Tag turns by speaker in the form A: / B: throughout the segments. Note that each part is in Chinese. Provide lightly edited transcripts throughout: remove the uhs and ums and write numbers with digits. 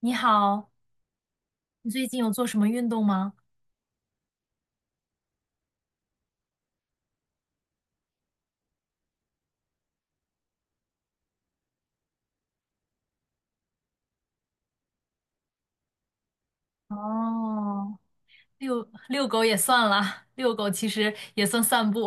A: 你好，你最近有做什么运动吗？哦，遛遛狗也算啦，遛狗其实也算散步。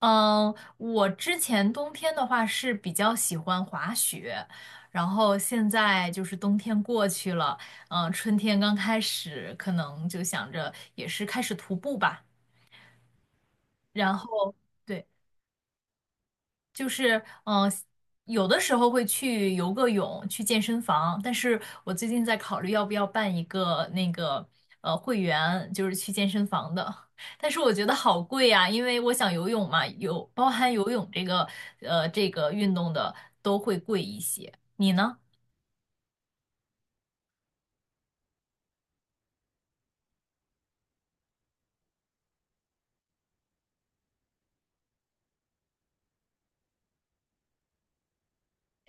A: 嗯，我之前冬天的话是比较喜欢滑雪，然后现在就是冬天过去了，嗯，春天刚开始，可能就想着也是开始徒步吧。然后，对，就是嗯、呃有的时候会去游个泳，去健身房，但是我最近在考虑要不要办一个那个会员，就是去健身房的，但是我觉得好贵呀、因为我想游泳嘛，有包含游泳这个这个运动的都会贵一些，你呢？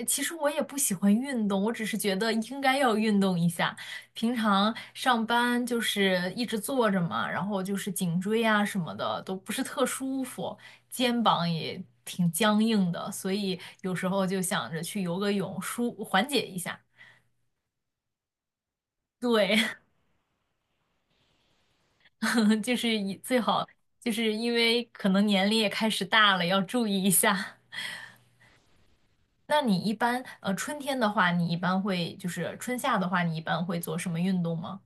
A: 其实我也不喜欢运动，我只是觉得应该要运动一下。平常上班就是一直坐着嘛，然后就是颈椎啊什么的都不是特舒服，肩膀也挺僵硬的，所以有时候就想着去游个泳，舒缓解一下。对，就是以最好就是因为可能年龄也开始大了，要注意一下。那你一般春天的话，你一般会就是春夏的话，你一般会做什么运动吗？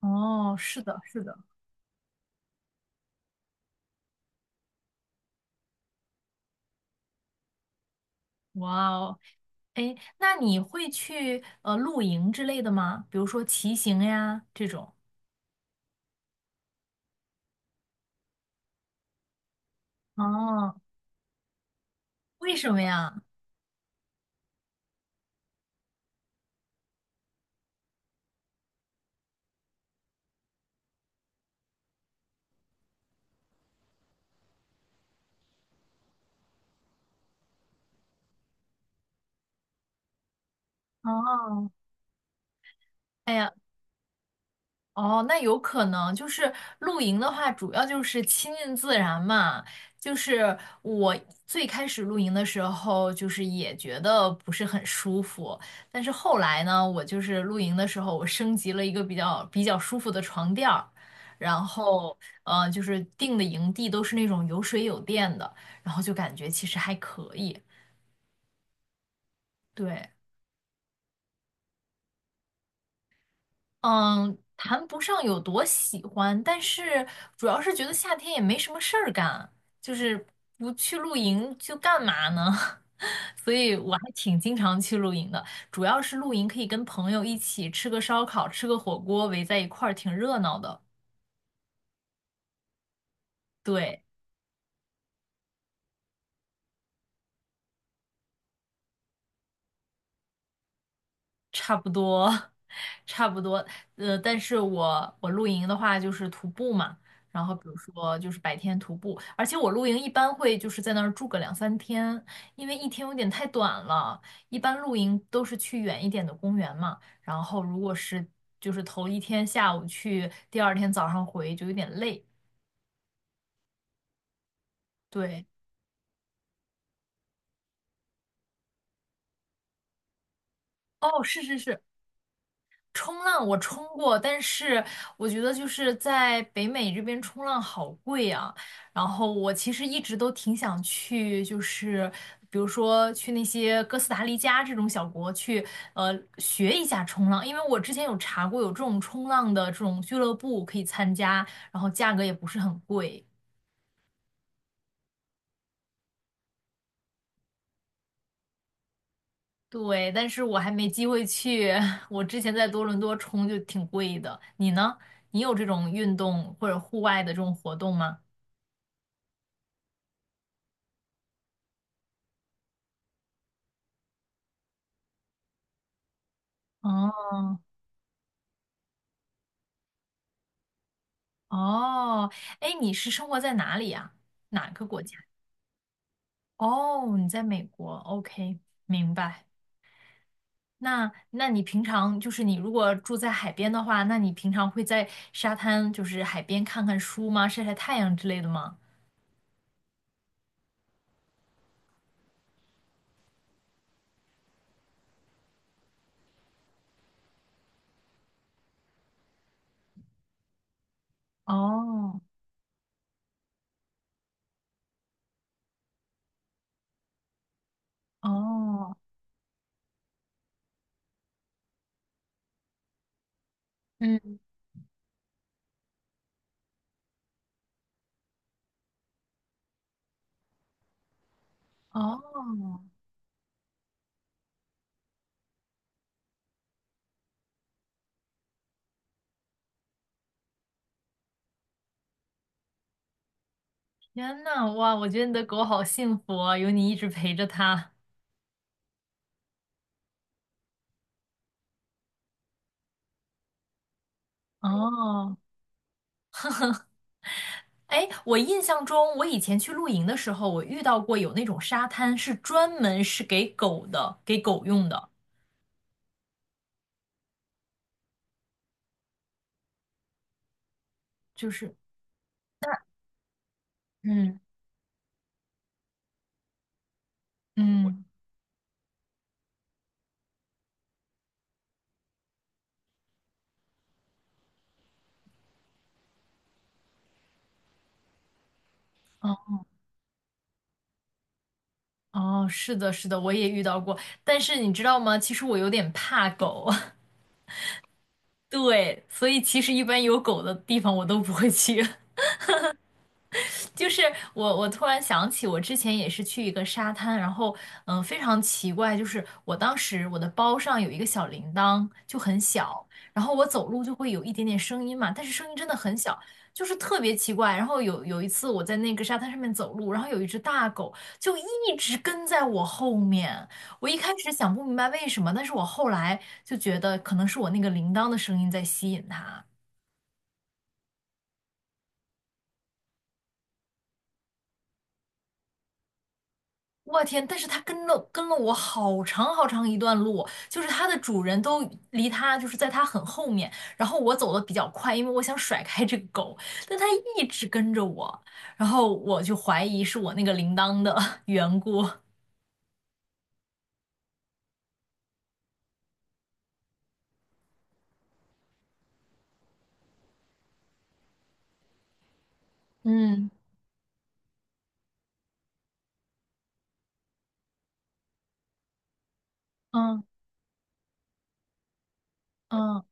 A: 哦，是的，是的，哇哦，哎，那你会去露营之类的吗？比如说骑行呀这种。哦，为什么呀？哦，呀。哦，那有可能就是露营的话，主要就是亲近自然嘛。就是我最开始露营的时候，就是也觉得不是很舒服，但是后来呢，我就是露营的时候，我升级了一个比较舒服的床垫儿，然后呃，就是定的营地都是那种有水有电的，然后就感觉其实还可以。对。嗯，谈不上有多喜欢，但是主要是觉得夏天也没什么事儿干，就是不去露营就干嘛呢？所以我还挺经常去露营的，主要是露营可以跟朋友一起吃个烧烤，吃个火锅，围在一块儿挺热闹的。对。差不多，差不多。呃，但是我露营的话就是徒步嘛，然后比如说就是白天徒步，而且我露营一般会就是在那儿住个两三天，因为一天有点太短了。一般露营都是去远一点的公园嘛，然后如果是就是头一天下午去，第二天早上回就有点累。对，哦，是是是，冲浪我冲过，但是我觉得就是在北美这边冲浪好贵啊。然后我其实一直都挺想去，就是比如说去那些哥斯达黎加这种小国去，呃，学一下冲浪，因为我之前有查过有这种冲浪的这种俱乐部可以参加，然后价格也不是很贵。对，但是我还没机会去。我之前在多伦多冲就挺贵的。你呢？你有这种运动或者户外的这种活动吗？哦哦，哎，你是生活在哪里呀？哪个国家？哦，你在美国，OK，明白。那那你平常就是你如果住在海边的话，那你平常会在沙滩就是海边看看书吗？晒晒太阳之类的吗？哦哦，嗯哦，天呐，哇，我觉得你的狗好幸福啊，有你一直陪着它。哦哎，我印象中，我以前去露营的时候，我遇到过有那种沙滩是专门是给狗的，给狗用的，就是，嗯嗯，哦哦，是的，是的，我也遇到过。但是你知道吗？其实我有点怕狗，对，所以其实一般有狗的地方我都不会去。就是我突然想起，我之前也是去一个沙滩，然后非常奇怪，就是我当时我的包上有一个小铃铛，就很小，然后我走路就会有一点点声音嘛，但是声音真的很小，就是特别奇怪。然后有一次我在那个沙滩上面走路，然后有一只大狗就一直跟在我后面，我一开始想不明白为什么，但是我后来就觉得可能是我那个铃铛的声音在吸引它。我天！但是它跟了我好长好长一段路，就是它的主人都离它就是在它很后面，然后我走的比较快，因为我想甩开这个狗，但它一直跟着我，然后我就怀疑是我那个铃铛的 缘故。嗯嗯嗯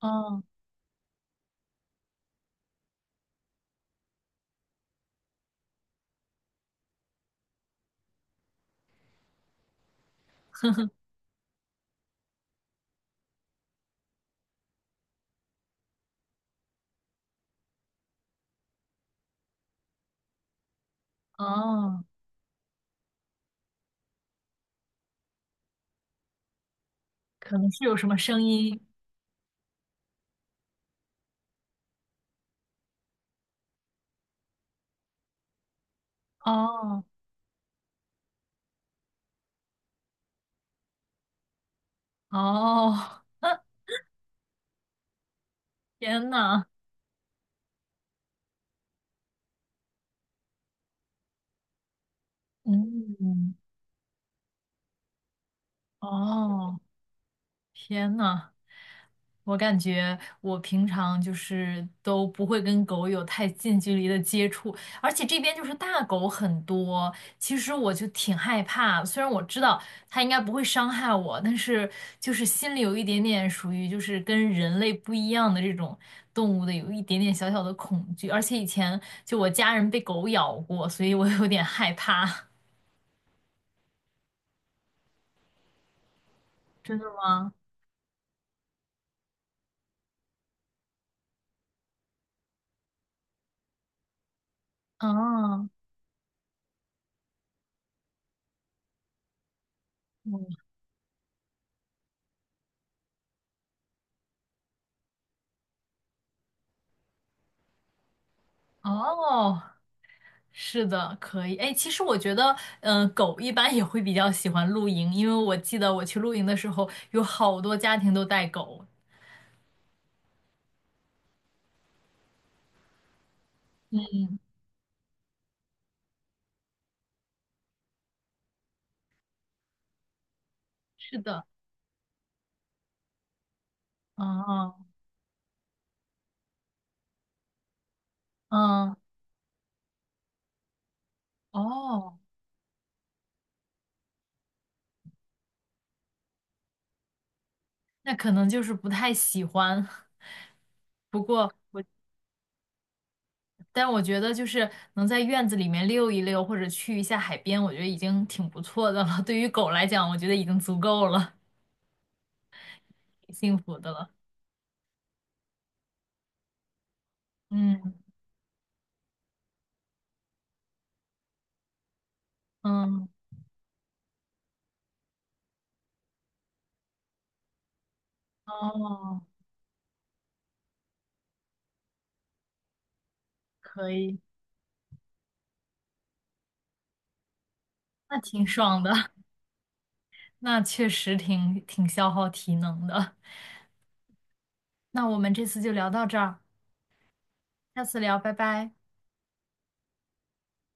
A: 嗯哦，可能是有什么声音哦哦，天呐，嗯哦。哦，天呐！我感觉我平常就是都不会跟狗有太近距离的接触，而且这边就是大狗很多，其实我就挺害怕。虽然我知道它应该不会伤害我，但是就是心里有一点点属于就是跟人类不一样的这种动物的有一点点小小的恐惧。而且以前就我家人被狗咬过，所以我有点害怕。真的吗？哦，嗯哦，是的，可以。哎，其实我觉得，狗一般也会比较喜欢露营，因为我记得我去露营的时候，有好多家庭都带狗。是的，嗯嗯嗯，哦，那可能就是不太喜欢。不过，但我觉得就是能在院子里面溜一溜，或者去一下海边，我觉得已经挺不错的了。对于狗来讲，我觉得已经足够了，挺幸福的了。嗯嗯哦，可以，那挺爽的。那确实挺消耗体能的。那我们这次就聊到这儿，下次聊，拜拜。